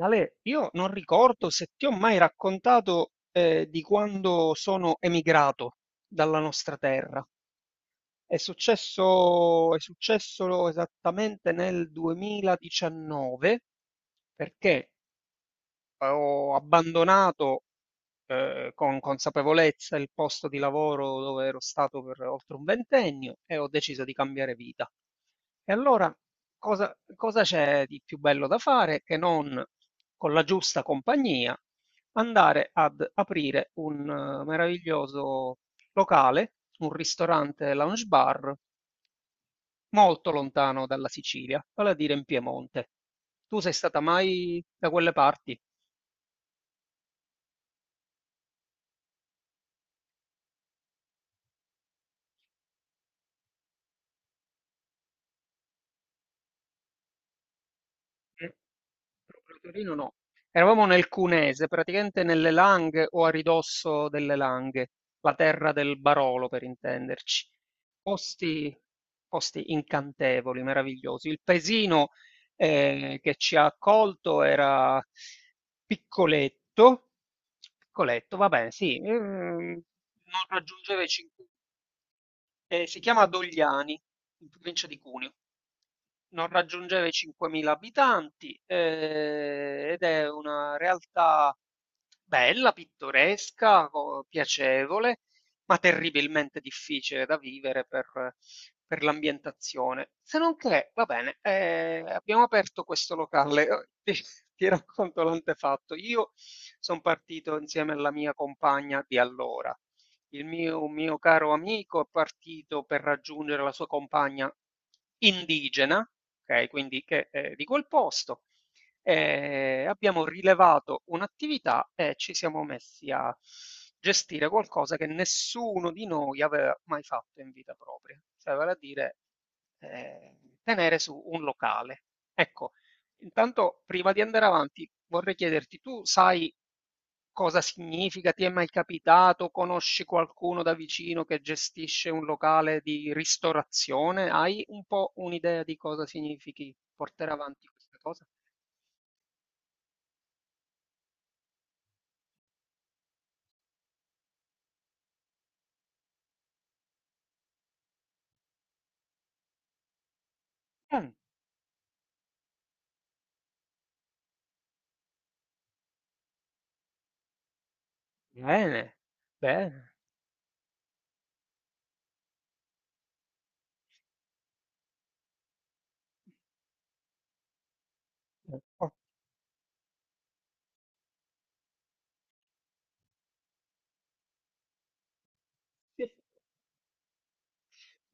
Ale, io non ricordo se ti ho mai raccontato di quando sono emigrato dalla nostra terra. È successo esattamente nel 2019 perché ho abbandonato con consapevolezza il posto di lavoro dove ero stato per oltre un ventennio e ho deciso di cambiare vita. E allora cosa c'è di più bello da fare che non con la giusta compagnia andare ad aprire un meraviglioso locale, un ristorante lounge bar molto lontano dalla Sicilia, vale a dire in Piemonte. Tu sei stata mai da quelle parti? Proprio Torino no. Eravamo nel Cunese, praticamente nelle Langhe o a ridosso delle Langhe, la terra del Barolo per intenderci. Posti, posti incantevoli, meravigliosi. Il paesino che ci ha accolto era piccoletto, piccoletto, va bene, sì, non raggiungeva i 5, si chiama Dogliani, in provincia di Cuneo. Non raggiungeva i 5.000 abitanti, ed è una realtà bella, pittoresca, co piacevole, ma terribilmente difficile da vivere per l'ambientazione. Se non che, va bene, abbiamo aperto questo locale. Oh, ti racconto l'antefatto. Io son partito insieme alla mia compagna di allora un mio caro amico è partito per raggiungere la sua compagna indigena, ok, quindi che è di quel posto. Abbiamo rilevato un'attività e ci siamo messi a gestire qualcosa che nessuno di noi aveva mai fatto in vita propria, cioè vale a dire tenere su un locale. Ecco, intanto, prima di andare avanti, vorrei chiederti, tu sai cosa significa? Ti è mai capitato? Conosci qualcuno da vicino che gestisce un locale di ristorazione? Hai un po' un'idea di cosa significhi portare avanti questa cosa? Mm, bene, bene.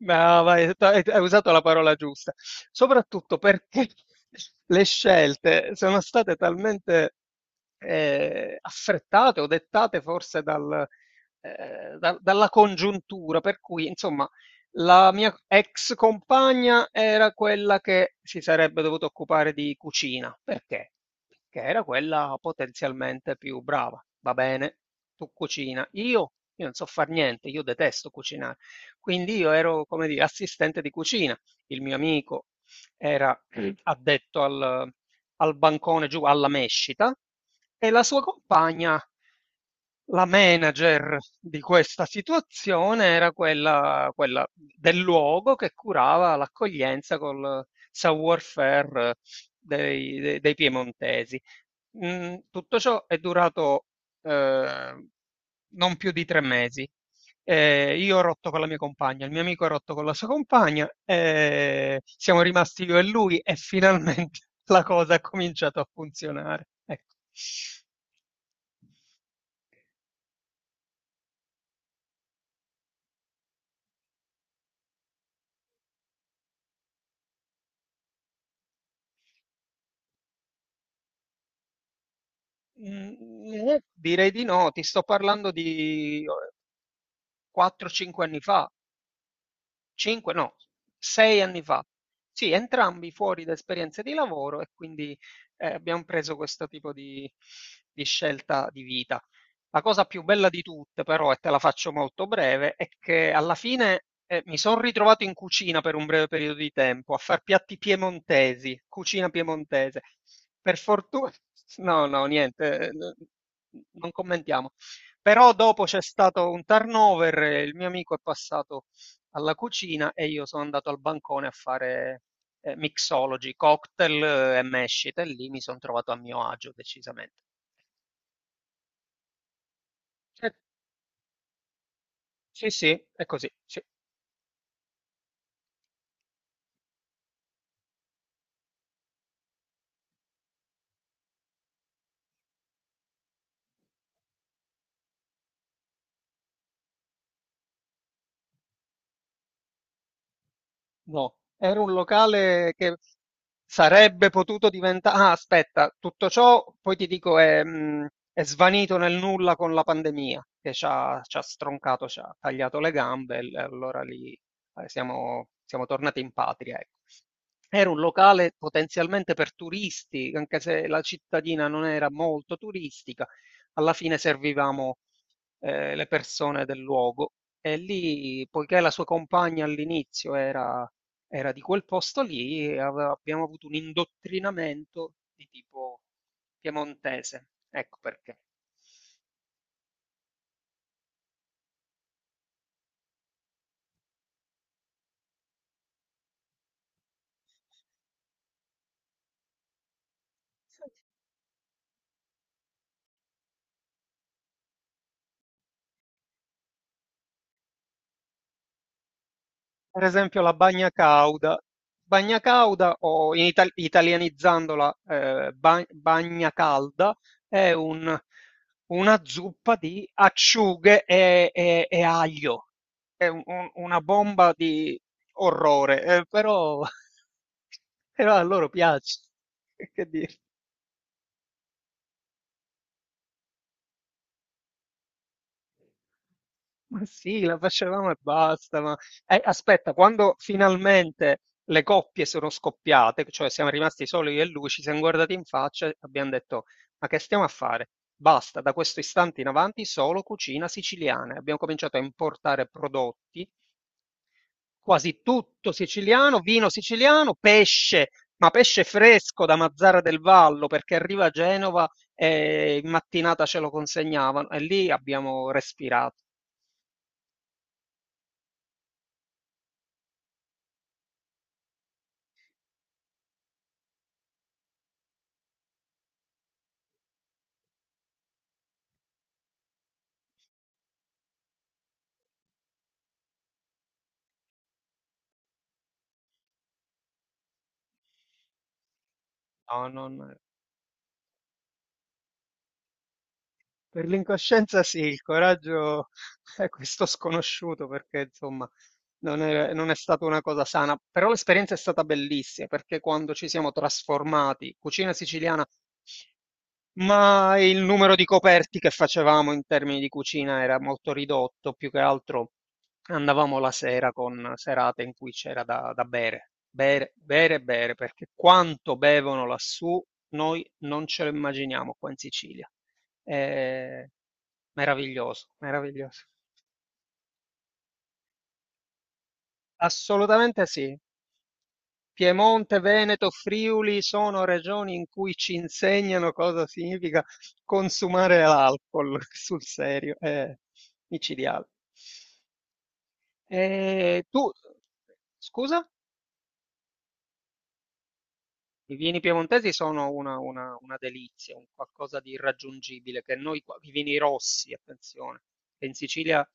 No, vai, hai usato la parola giusta, soprattutto perché le scelte sono state talmente affrettate o dettate forse dalla congiuntura, per cui insomma la mia ex compagna era quella che si sarebbe dovuta occupare di cucina, perché? Perché era quella potenzialmente più brava, va bene, tu cucina, io non so far niente, io detesto cucinare quindi io ero, come dire, assistente di cucina. Il mio amico era addetto al bancone giù alla mescita e la sua compagna, la manager di questa situazione, era quella del luogo che curava l'accoglienza col savoir-faire dei piemontesi. Tutto ciò è durato eh, non più di 3 mesi. Io ho rotto con la mia compagna, il mio amico ha rotto con la sua compagna, siamo rimasti io e lui e finalmente la cosa ha cominciato a funzionare. Ecco. Direi di no, ti sto parlando di 4-5 anni fa. 5 no, 6 anni fa. Sì, entrambi fuori da esperienze di lavoro e quindi abbiamo preso questo tipo di scelta di vita. La cosa più bella di tutte, però, e te la faccio molto breve, è che alla fine mi sono ritrovato in cucina per un breve periodo di tempo a far piatti piemontesi, cucina piemontese. Per fortuna, no, no, niente, non commentiamo. Però dopo c'è stato un turnover, e il mio amico è passato alla cucina e io sono andato al bancone a fare mixology, cocktail e mescite, e lì mi sono trovato a mio agio decisamente. Eh, sì, sì, è così, sì. No, era un locale che sarebbe potuto diventare... Ah, aspetta, tutto ciò poi ti dico è svanito nel nulla con la pandemia che ci ha stroncato, ci ha tagliato le gambe e allora lì siamo tornati in patria. Ecco. Era un locale potenzialmente per turisti, anche se la cittadina non era molto turistica, alla fine servivamo le persone del luogo e lì, poiché la sua compagna all'inizio era di quel posto lì, abbiamo avuto un indottrinamento di tipo piemontese. Ecco perché. Per esempio la bagna cauda. Bagna cauda, o in italianizzandola, bagna calda, è una zuppa di acciughe e aglio. È una bomba di orrore, però, però a loro piace. Che dire? Ma sì, la facevamo e basta. Ma... Aspetta, quando finalmente le coppie sono scoppiate, cioè siamo rimasti soli io e lui, ci siamo guardati in faccia e abbiamo detto: Ma che stiamo a fare? Basta, da questo istante in avanti solo cucina siciliana. E abbiamo cominciato a importare prodotti, quasi tutto siciliano, vino siciliano, pesce, ma pesce fresco da Mazzara del Vallo, perché arriva a Genova e in mattinata ce lo consegnavano. E lì abbiamo respirato. No, non... Per l'incoscienza sì, il coraggio è questo sconosciuto perché insomma non è stata una cosa sana, però l'esperienza è stata bellissima perché quando ci siamo trasformati, cucina siciliana ma il numero di coperti che facevamo in termini di cucina era molto ridotto, più che altro andavamo la sera con serate in cui c'era da bere, bere, bere, bere, perché quanto bevono lassù noi non ce lo immaginiamo qua in Sicilia. È meraviglioso, meraviglioso. Assolutamente sì. Piemonte, Veneto, Friuli sono regioni in cui ci insegnano cosa significa consumare l'alcol sul serio, è micidiale. E tu, scusa? I vini piemontesi sono una delizia, un qualcosa di irraggiungibile, che noi qua, i vini rossi, attenzione, che in Sicilia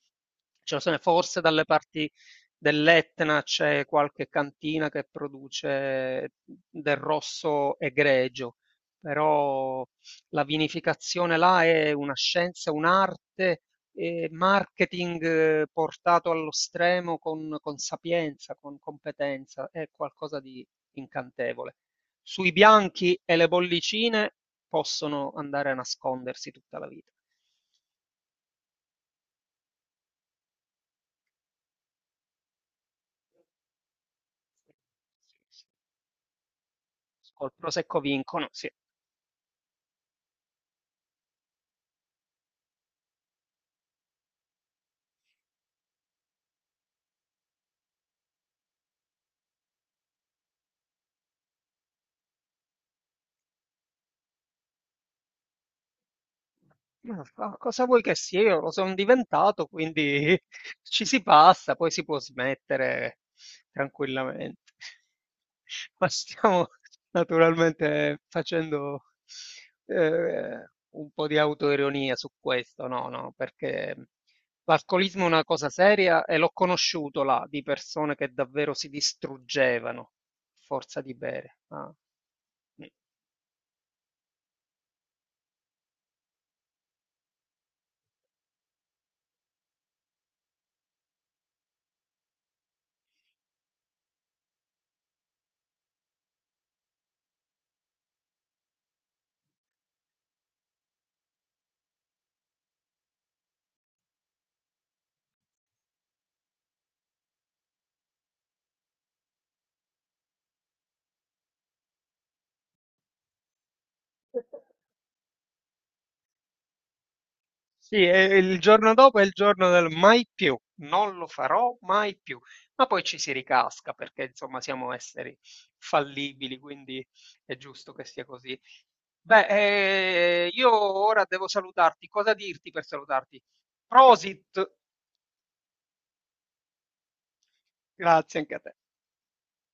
ce ne sono, forse dalle parti dell'Etna c'è qualche cantina che produce del rosso egregio, però la vinificazione là è una scienza, un'arte, marketing portato allo stremo con sapienza, con competenza, è qualcosa di incantevole. Sui bianchi e le bollicine possono andare a nascondersi tutta la vita. Sì, sì, sì, sì. Col prosecco vincono, sì. Ma cosa vuoi che sia? Io lo sono diventato, quindi ci si passa, poi si può smettere tranquillamente. Ma stiamo naturalmente facendo un po' di autoironia su questo, no, no, perché l'alcolismo è una cosa seria e l'ho conosciuto là di persone che davvero si distruggevano a forza di bere. Sì, e il giorno dopo è il giorno del mai più, non lo farò mai più, ma poi ci si ricasca perché insomma siamo esseri fallibili, quindi è giusto che sia così. Beh, io ora devo salutarti, cosa dirti per salutarti? Prosit, grazie anche a te.